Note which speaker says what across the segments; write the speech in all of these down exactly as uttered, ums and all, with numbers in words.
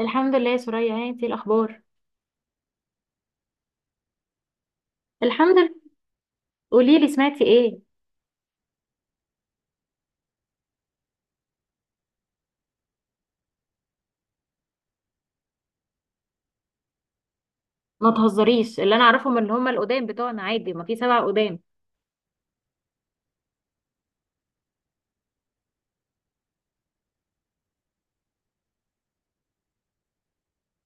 Speaker 1: الحمد لله يا سوريا، ها انتي الاخبار. الحمد لله. قولي لي سمعتي ايه. ما تهزريش، اللي انا اعرفهم اللي هم القدام بتوعنا عادي، ما في سبع قدام.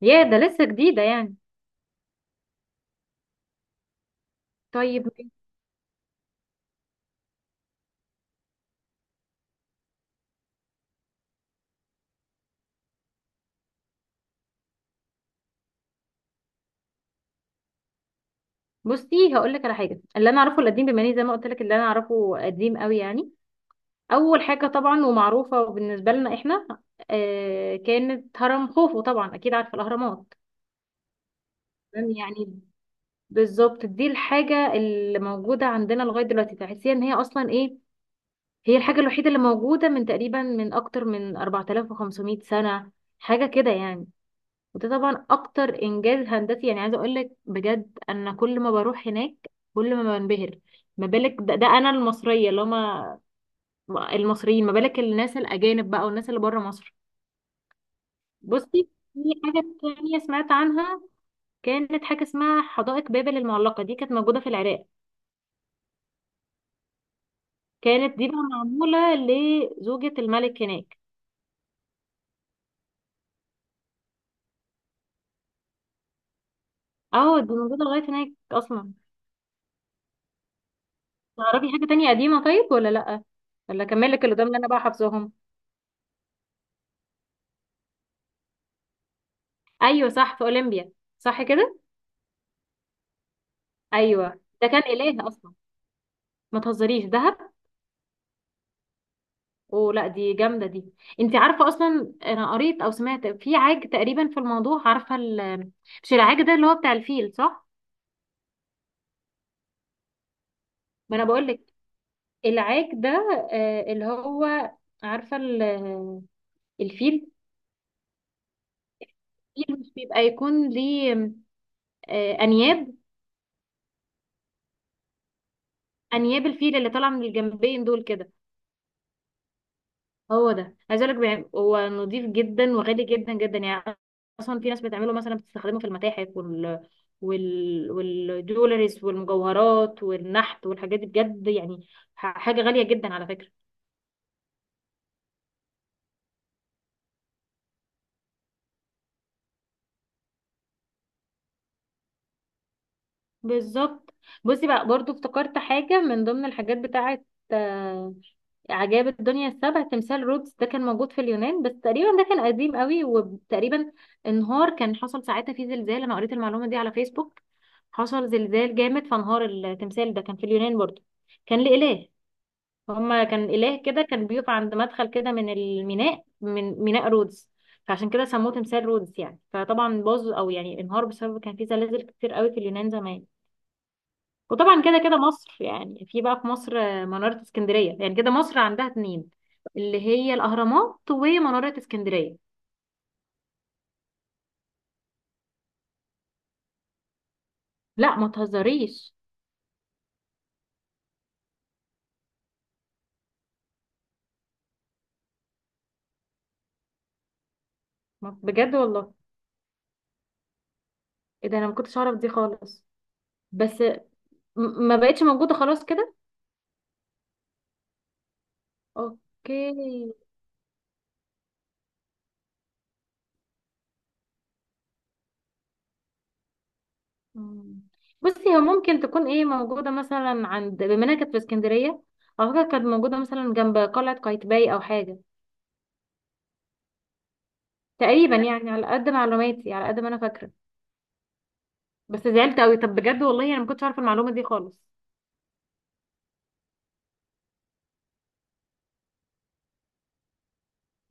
Speaker 1: يا ده لسه جديده يعني. طيب. بصي هقول لك على حاجه، اللي انا اعرفه القديم بما اني زي ما قلت لك اللي انا اعرفه قديم قوي يعني. اول حاجه طبعا ومعروفه بالنسبه لنا احنا، آه كانت هرم خوفو، طبعا اكيد عارفه الاهرامات. تمام؟ يعني بالظبط دي الحاجه اللي موجوده عندنا لغايه دلوقتي، تحسيها ان هي اصلا ايه. هي الحاجة الوحيدة اللي موجودة من تقريبا من أكتر من أربعة آلاف وخمسمائة سنة، حاجة كده يعني. وده طبعا أكتر إنجاز هندسي، يعني عايزة أقولك بجد أنا كل ما بروح هناك كل ما بنبهر. ما بالك، ده, ده أنا المصرية، اللي هما المصريين، ما بالك الناس الأجانب بقى والناس اللي بره مصر. بصي، في حاجة تانية سمعت عنها، كانت حاجة اسمها حدائق بابل المعلقة، دي كانت موجودة في العراق. كانت دي بقى معمولة لزوجة الملك هناك. اه دي موجودة لغاية هناك أصلا. تعرفي حاجة تانية قديمة طيب ولا لأ، ولا أكمل لك اللي قدام اللي أنا بقى حافظاهم. أيوة صح، في أولمبيا. صح كده. أيوة، ده كان إله أصلا. ما تهزريش دهب، ولا دي جامدة دي. أنت عارفة أصلا أنا قريت أو سمعت في عاج تقريبا في الموضوع، عارفة ال... مش العاج ده اللي هو بتاع الفيل صح. ما أنا بقول لك العاج ده، آه، اللي هو عارفة ال... الفيل. الفيل مش بيبقى يكون ليه آه، أنياب. أنياب الفيل اللي طالعة من الجنبين دول كده. هو ده عايز اقول لك بيع- هو نظيف جدا وغالي جدا جدا يعني. اصلا في ناس بتعمله مثلا، بتستخدمه في المتاحف وال وال والجولريز والمجوهرات والنحت والحاجات دي بجد يعني. ح- حاجة غالية جدا على فكرة. بالظبط. بصي بقى برضو افتكرت حاجة من ضمن الحاجات بتاعة آه، عجائب الدنيا السبع. تمثال رودز ده كان موجود في اليونان، بس تقريبا ده كان قديم قوي، وتقريبا انهار، كان حصل ساعتها فيه زلزال، انا قريت المعلومة دي على فيسبوك. حصل زلزال جامد فانهار التمثال، ده كان في اليونان برضو. كان لإله، هما كان إله كده، كان بيقف عند مدخل كده من الميناء، من ميناء رودز. فعشان كده سموه تمثال رودز يعني. فطبعا باظ او يعني انهار بسبب كان فيه زلازل كتير قوي في اليونان زمان. وطبعا كده كده مصر يعني، في بقى في مصر منارة اسكندرية. يعني كده مصر عندها اتنين، اللي هي الأهرامات ومنارة اسكندرية. لا ما تهزريش. ما- بجد والله. ايه ده، انا ما كنتش اعرف دي خالص. بس م- ما بقتش موجودة خلاص كده. اوكي. مم. بصي هو ممكن تكون ايه موجودة مثلا عند، بما انها كانت في اسكندرية، اعتقد كانت موجودة مثلا جنب قلعة قايتباي او حاجة. تقريبا يعني على قد معلوماتي على قد ما انا فاكرة. بس زعلت قوي، طب بجد والله انا ما كنتش عارفه المعلومه دي خالص.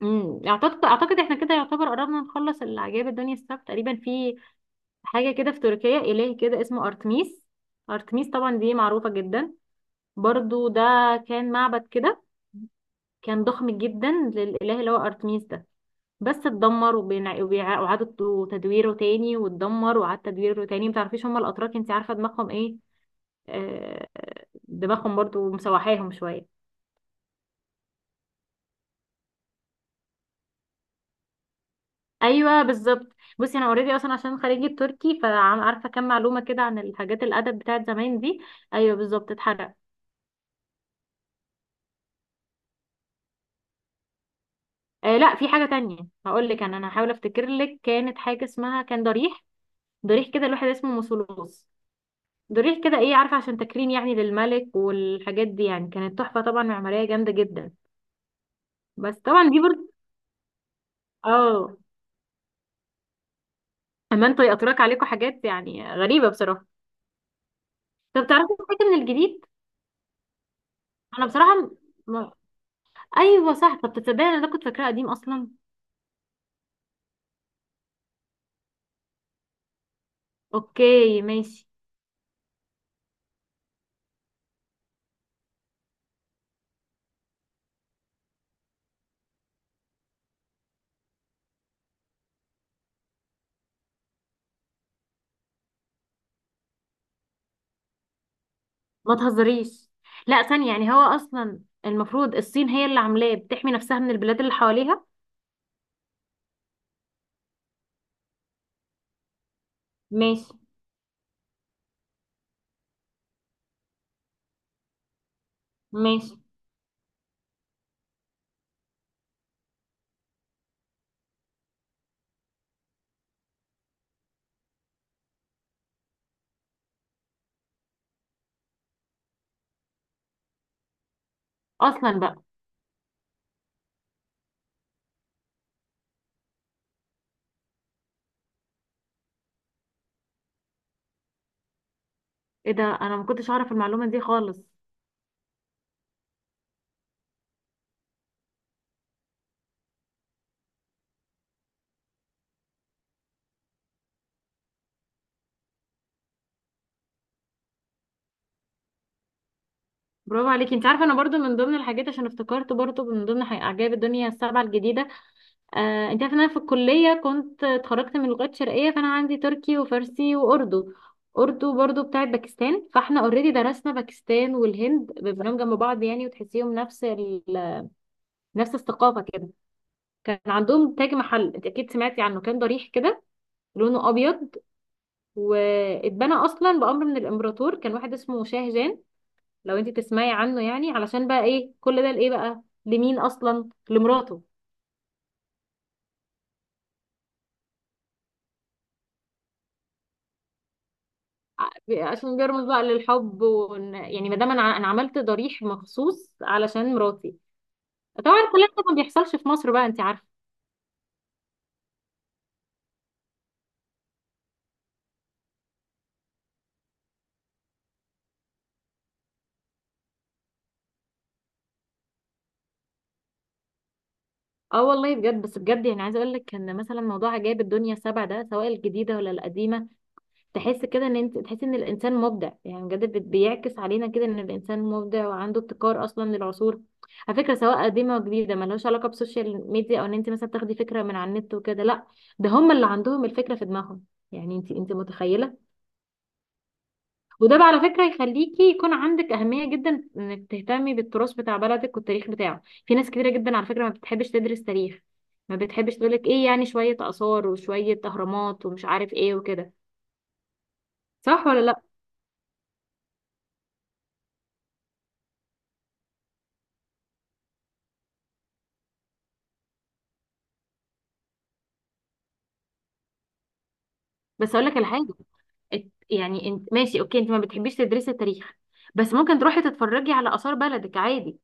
Speaker 1: امم اعتقد اعتقد احنا كده يعتبر قربنا نخلص العجائب الدنيا السبت تقريبا. في حاجه كده في تركيا، اله كده اسمه ارتميس. ارتميس طبعا دي معروفه جدا. برضو ده كان معبد كده، كان ضخم جدا للاله اللي هو ارتميس ده. بس اتدمر وبينع- وبيع- وإعادة تدويره تاني، واتدمر وإعادة تدويره تاني. متعرفيش هما الأتراك انت عارفة دماغهم ايه، آه، دماغهم برضو مسوحاهم شوية. ايوه بالظبط. بصي انا اوريدي اصلا عشان خريجه تركي، فعارفه كام معلومه كده عن الحاجات الادب بتاعت زمان دي. ايوه بالظبط، اتحرق. آه لا، في حاجه تانية هقول لك. انا انا هحاول افتكر لك، كانت حاجه اسمها كان ضريح، ضريح كده الواحد اسمه مسولوس. ضريح كده ايه عارفه عشان تكريم يعني للملك والحاجات دي، يعني كانت تحفه طبعا معماريه جامده جدا. بس طبعا دي برضه. اه. اما انتوا يأطرك عليكم حاجات يعني غريبه بصراحه. طب تعرفي حاجه من الجديد؟ انا بصراحه م- ايوه صح، طب تصدقي انا ده كنت فاكراه قديم اصلا. اوكي ماشي. ما تهزريش، لا ثانية يعني، هو اصلا المفروض الصين هي اللي عاملاه بتحمي نفسها من البلاد اللي حواليها. ماشي. ماشي. اصلا بقى. ايه ده، انا ما كنتش اعرف المعلومة دي خالص. برافو عليكي. انت عارفه انا برضو من ضمن الحاجات عشان افتكرت برضو من ضمن حي- عجائب الدنيا السبعه الجديده. آه انت عارفه ان انا في الكليه كنت اتخرجت من لغات شرقيه، فانا عندي تركي وفارسي واردو. اردو برضو بتاعت باكستان، فاحنا اوريدي درسنا باكستان والهند، بنبقى جنب بعض يعني وتحسيهم نفس نفس الثقافه كده. كان عندهم تاج محل، انت اكيد سمعتي عنه، كان ضريح كده لونه ابيض، واتبنى اصلا بامر من الامبراطور كان واحد اسمه شاه جان. لو انت تسمعي عنه يعني، علشان بقى ايه كل ده لايه بقى لمين، اصلا لمراته. عشان بيرمز بقى للحب، وإن- يعني ما دام انا ع- انا عملت ضريح مخصوص علشان مراتي. طبعا الكلام ده ما بيحصلش في مصر بقى، انت عارفه. اه والله بجد، بس بجد يعني عايزه اقول لك ان مثلا موضوع عجائب الدنيا السبع ده سواء الجديده ولا القديمه، تحس كده ان انت تحس ان الانسان مبدع يعني بجد، بت- بيعكس علينا كده ان الانسان مبدع وعنده ابتكار اصلا للعصور، على فكره سواء قديمه وجديده، ملهاش علاقه بالسوشيال ميديا او ان انت مثلا تاخدي فكره من على النت وكده، لا. ده هم اللي عندهم الفكره في دماغهم، يعني انت انت متخيله. وده بقى على فكره يخليكي يكون عندك اهميه جدا انك تهتمي بالتراث بتاع بلدك والتاريخ بتاعه. في ناس كتيره جدا على فكره ما بتحبش تدرس تاريخ، ما بتحبش تقولك ايه يعني شويه اثار وشويه اهرامات ومش عارف ايه وكده. صح ولا لا؟ بس اقول لك على حاجه، ات- يعني انت ماشي اوكي، انت ما بتحبيش تدرسي تاريخ، بس ممكن تروحي تتفرجي على آثار بلدك عادي.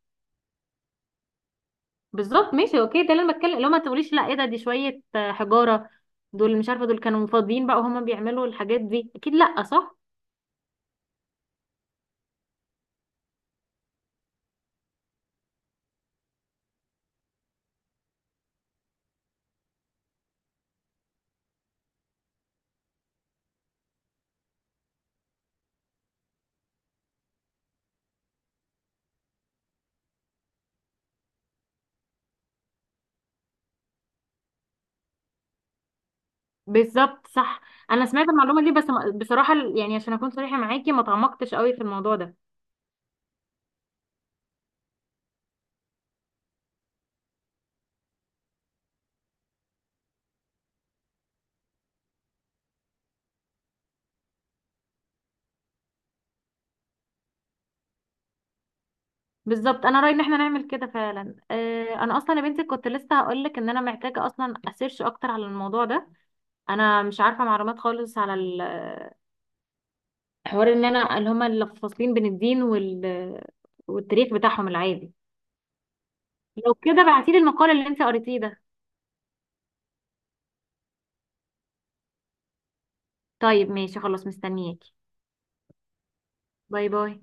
Speaker 1: بالظبط، ماشي اوكي، ده اللي انا بتكلم، لو ما تقوليش لا ايه ده دي شوية آه، حجارة. دول مش عارفة دول كانوا فاضيين بقى وهما بيعملوا الحاجات دي، اكيد لا صح. بالظبط صح. انا سمعت المعلومة دي، بس ما- بصراحة ال- يعني عشان اكون صريحة معاكي ما تعمقتش قوي في الموضوع ده. بالظبط. انا رايي ان احنا نعمل كده فعلا. آه، انا اصلا يا بنتي كنت لسه هقول لك ان انا محتاجه اصلا اسيرش اكتر على الموضوع ده. انا مش عارفه معلومات خالص على حوار ان انا اللي هما اللي فاصلين بين الدين وال... والتاريخ بتاعهم العادي. لو كده بعتيلي المقال اللي انت قريتيه ده. طيب ماشي خلاص مستنياكي. باي باي.